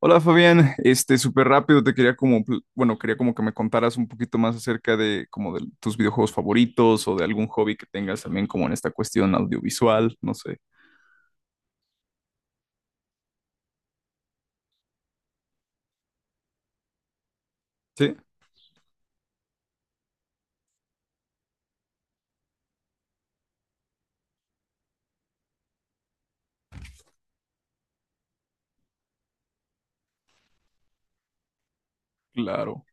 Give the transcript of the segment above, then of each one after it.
Hola Fabián, este súper rápido te quería como, bueno, quería como que me contaras un poquito más acerca de como de tus videojuegos favoritos o de algún hobby que tengas también como en esta cuestión audiovisual, no sé. Sí, claro.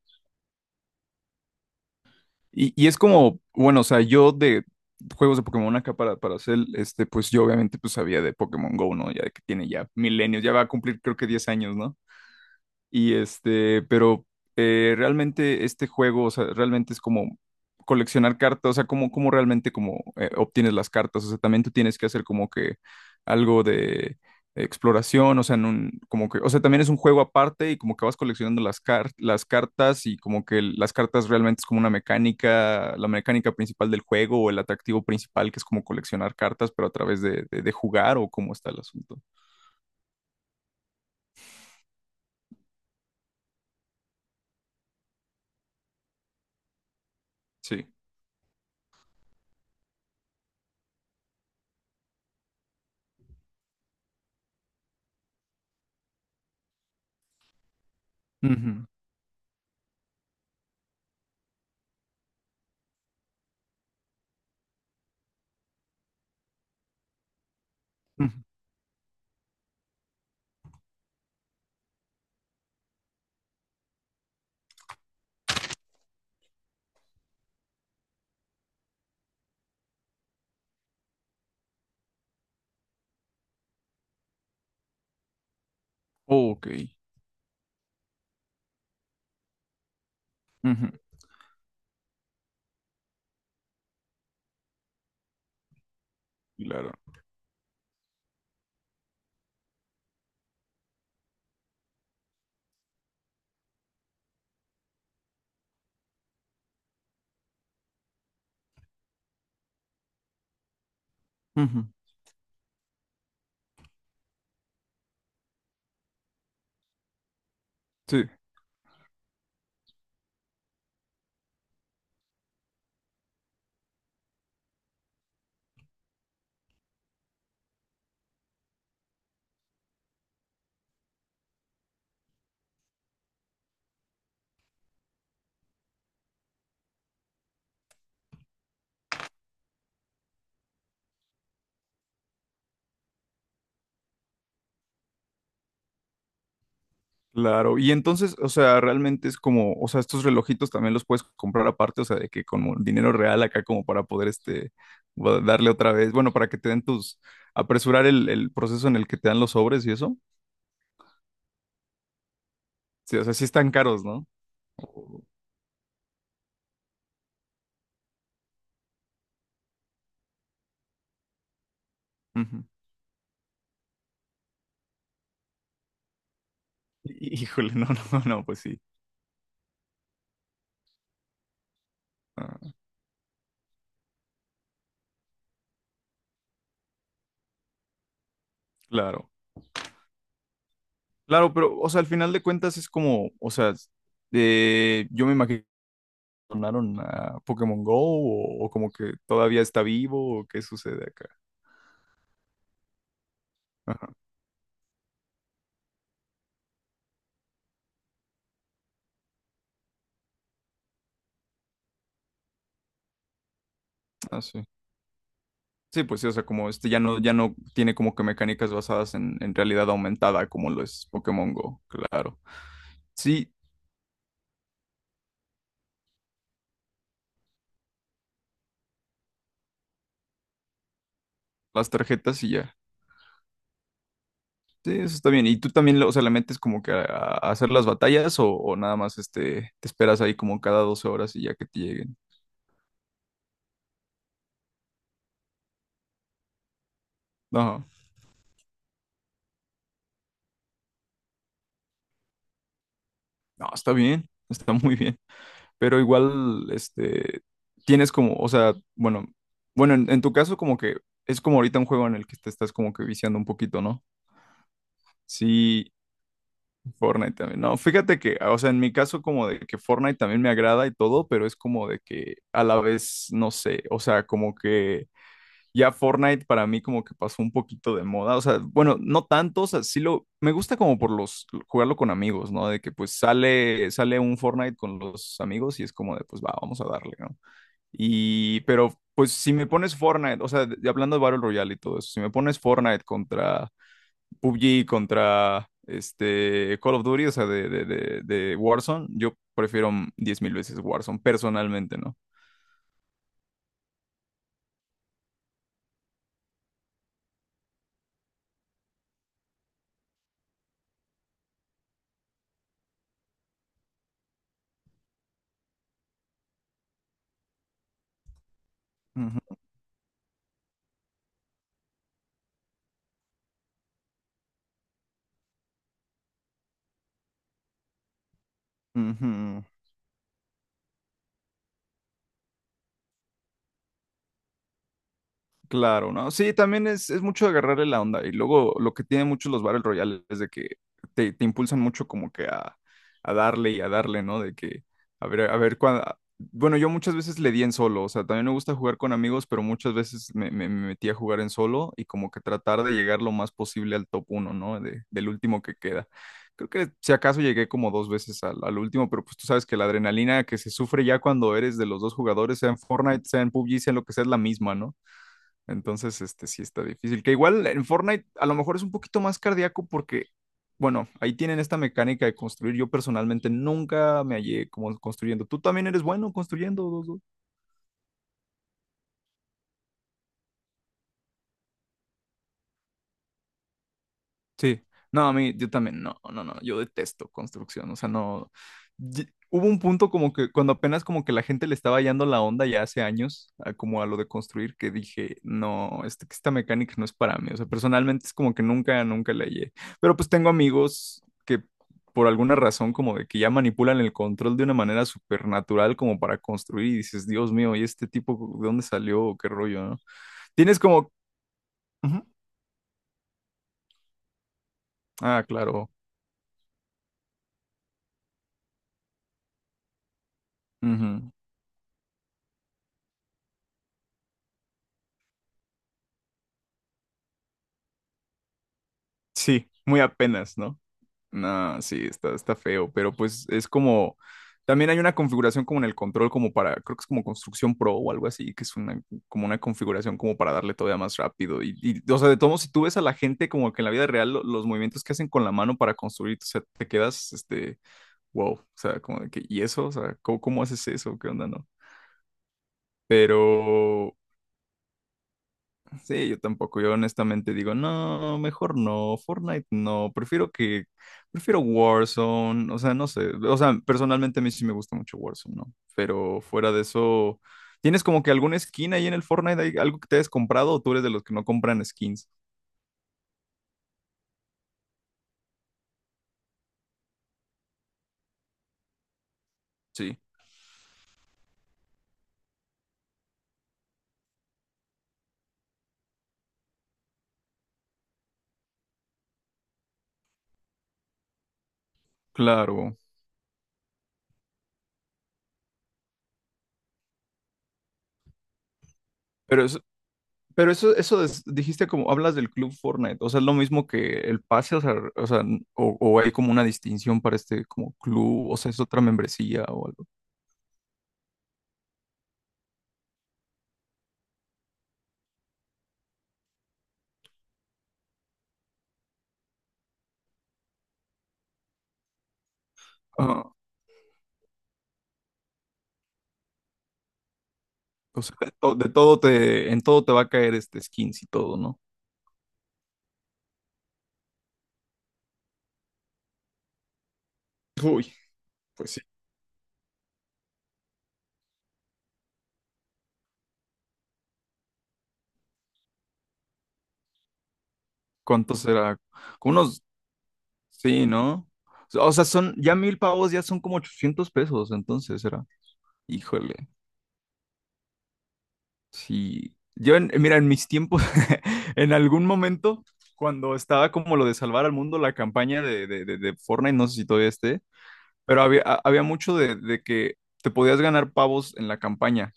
Y es como, bueno, o sea, yo de juegos de Pokémon acá para hacer, este, pues yo obviamente pues sabía de Pokémon Go, ¿no? Ya de que tiene ya milenios, ya va a cumplir creo que 10 años, ¿no? Y este, pero realmente este juego, o sea, realmente es como coleccionar cartas, o sea, como, como realmente como obtienes las cartas, o sea, también tú tienes que hacer como que algo de exploración, o sea, en un, como que, o sea, también es un juego aparte y como que vas coleccionando las cartas y como que las cartas realmente es como una mecánica, la mecánica principal del juego o el atractivo principal que es como coleccionar cartas, pero a través de jugar o cómo está el asunto. Sí. Ujú, ujú. Ok. Ujú. Claro. Ujú, sí, claro. Y entonces, o sea, realmente es como, o sea, estos relojitos también los puedes comprar aparte, o sea, de que con dinero real acá como para poder, este, darle otra vez, bueno, para que te den tus, apresurar el proceso en el que te dan los sobres y eso. Sí, o sea, sí están caros, ¿no? Ujú. Híjole, no, no, no, pues sí. Ah, claro. Claro, pero, o sea, al final de cuentas es como, o sea, yo me imagino que donaron a Pokémon Go o como que todavía está vivo o qué sucede acá. Ah. Ah, sí. Sí, pues sí, o sea, como este ya no, ya no tiene como que mecánicas basadas en realidad aumentada, como lo es Pokémon Go, claro. Sí, las tarjetas y ya. Sí, eso está bien. ¿Y tú también, o sea, le metes como que a hacer las batallas o nada más este, te esperas ahí como cada 12 horas y ya que te lleguen? No, no, está bien, está muy bien. Pero igual, este, tienes como, o sea, bueno, bueno, en tu caso como que es como ahorita un juego en el que te estás como que viciando un poquito, ¿no? Sí, Fortnite también. No, fíjate que, ah, o sea, en mi caso como de que Fortnite también me agrada y todo, pero es como de que a la vez, no sé, o sea, como que ya Fortnite para mí como que pasó un poquito de moda, o sea, bueno, no tanto, o sea, sí lo, me gusta como por los, jugarlo con amigos, ¿no? De que pues sale, sale un Fortnite con los amigos y es como de, pues va, vamos a darle, ¿no? Y, pero pues si me pones Fortnite, o sea, hablando de Battle Royale y todo eso, si me pones Fortnite contra... PUBG contra este, Call of Duty, o sea, de Warzone, yo prefiero 10.000 veces Warzone, personalmente, ¿no? Ujú, ujú. Claro, ¿no? Sí, también es mucho de agarrarle la onda. Y luego lo que tienen muchos los Battle Royales es de que te impulsan mucho como que a darle y a darle, ¿no? De que, a ver cuándo... Bueno, yo muchas veces le di en solo, o sea, también me gusta jugar con amigos, pero muchas veces me metí a jugar en solo y como que tratar de llegar lo más posible al top uno, ¿no? Del último que queda. Creo que si acaso llegué como dos veces al último, pero pues tú sabes que la adrenalina que se sufre ya cuando eres de los dos jugadores, sea en Fortnite, sea en PUBG, sea en lo que sea, es la misma, ¿no? Entonces, este sí está difícil. Que igual en Fortnite a lo mejor es un poquito más cardíaco porque, bueno, ahí tienen esta mecánica de construir. Yo personalmente nunca me hallé como construyendo. Tú también eres bueno construyendo. Sí, no, a mí, yo también, no, no, no, yo detesto construcción, o sea, no, hubo un punto como que cuando apenas como que la gente le estaba hallando la onda ya hace años, como a lo de construir, que dije, no, este, que esta mecánica no es para mí, o sea, personalmente es como que nunca, nunca la hallé, pero pues tengo amigos que por alguna razón como de que ya manipulan el control de una manera supernatural como para construir y dices, Dios mío, ¿y este tipo de dónde salió? ¿Qué rollo, no? Tienes como... Ujú. Ah, claro. Ujú. Sí, muy apenas, ¿no? No, sí, está, está feo, pero pues es como, también hay una configuración como en el control, como para, creo que es como construcción pro o algo así, que es una, como una configuración como para darle todavía más rápido. Y, o sea, de todo modo, si tú ves a la gente como que en la vida real, los movimientos que hacen con la mano para construir, o sea, te quedas, este, wow, o sea, como de que, ¿y eso? O sea, ¿cómo, cómo haces eso? ¿Qué onda, no? Pero, sí, yo tampoco. Yo honestamente digo, no, mejor no, Fortnite no, prefiero que, prefiero Warzone, o sea, no sé, o sea, personalmente a mí sí me gusta mucho Warzone, ¿no? Pero fuera de eso, ¿tienes como que alguna skin ahí en el Fortnite, hay algo que te hayas comprado o tú eres de los que no compran skins? Sí. Claro, pero eso, pero eso, dijiste como hablas del club Fortnite, o sea, es lo mismo que el pase, o sea, o hay como una distinción para este como club, o sea, es otra membresía o algo. O sea, de todo te, en todo te va a caer este skins y todo, ¿no? Uy, pues sí. ¿Cuánto será? Como unos, sí, ¿no? O sea, son, ya 1000 pavos ya son como 800 pesos, entonces era, híjole, sí. Yo, mira, en mis tiempos, en algún momento, cuando estaba como lo de salvar al mundo, la campaña de Fortnite, no sé si todavía esté. Pero había, había mucho de que te podías ganar pavos en la campaña.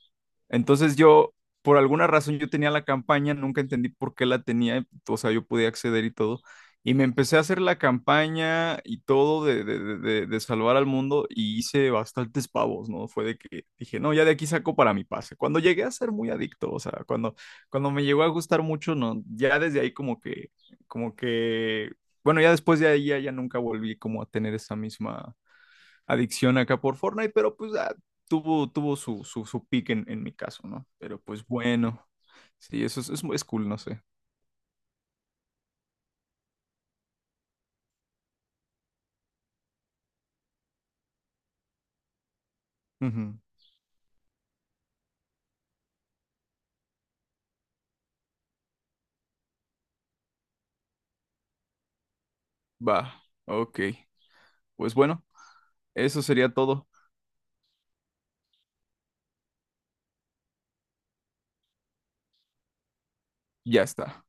Entonces yo, por alguna razón, yo tenía la campaña, nunca entendí por qué la tenía, o sea, yo podía acceder y todo. Y me empecé a hacer la campaña y todo de salvar al mundo y hice bastantes pavos, ¿no? Fue de que dije, no, ya de aquí saco para mi pase. Cuando llegué a ser muy adicto, o sea, cuando, cuando me llegó a gustar mucho, no, ya desde ahí como que, bueno, ya después de ahí ya, ya nunca volví como a tener esa misma adicción acá por Fortnite, pero pues ah, tuvo su, su pick en mi caso, ¿no? Pero pues bueno, sí, eso es cool, no sé. Ujú. Va, ok. Pues bueno, eso sería todo. Ya está.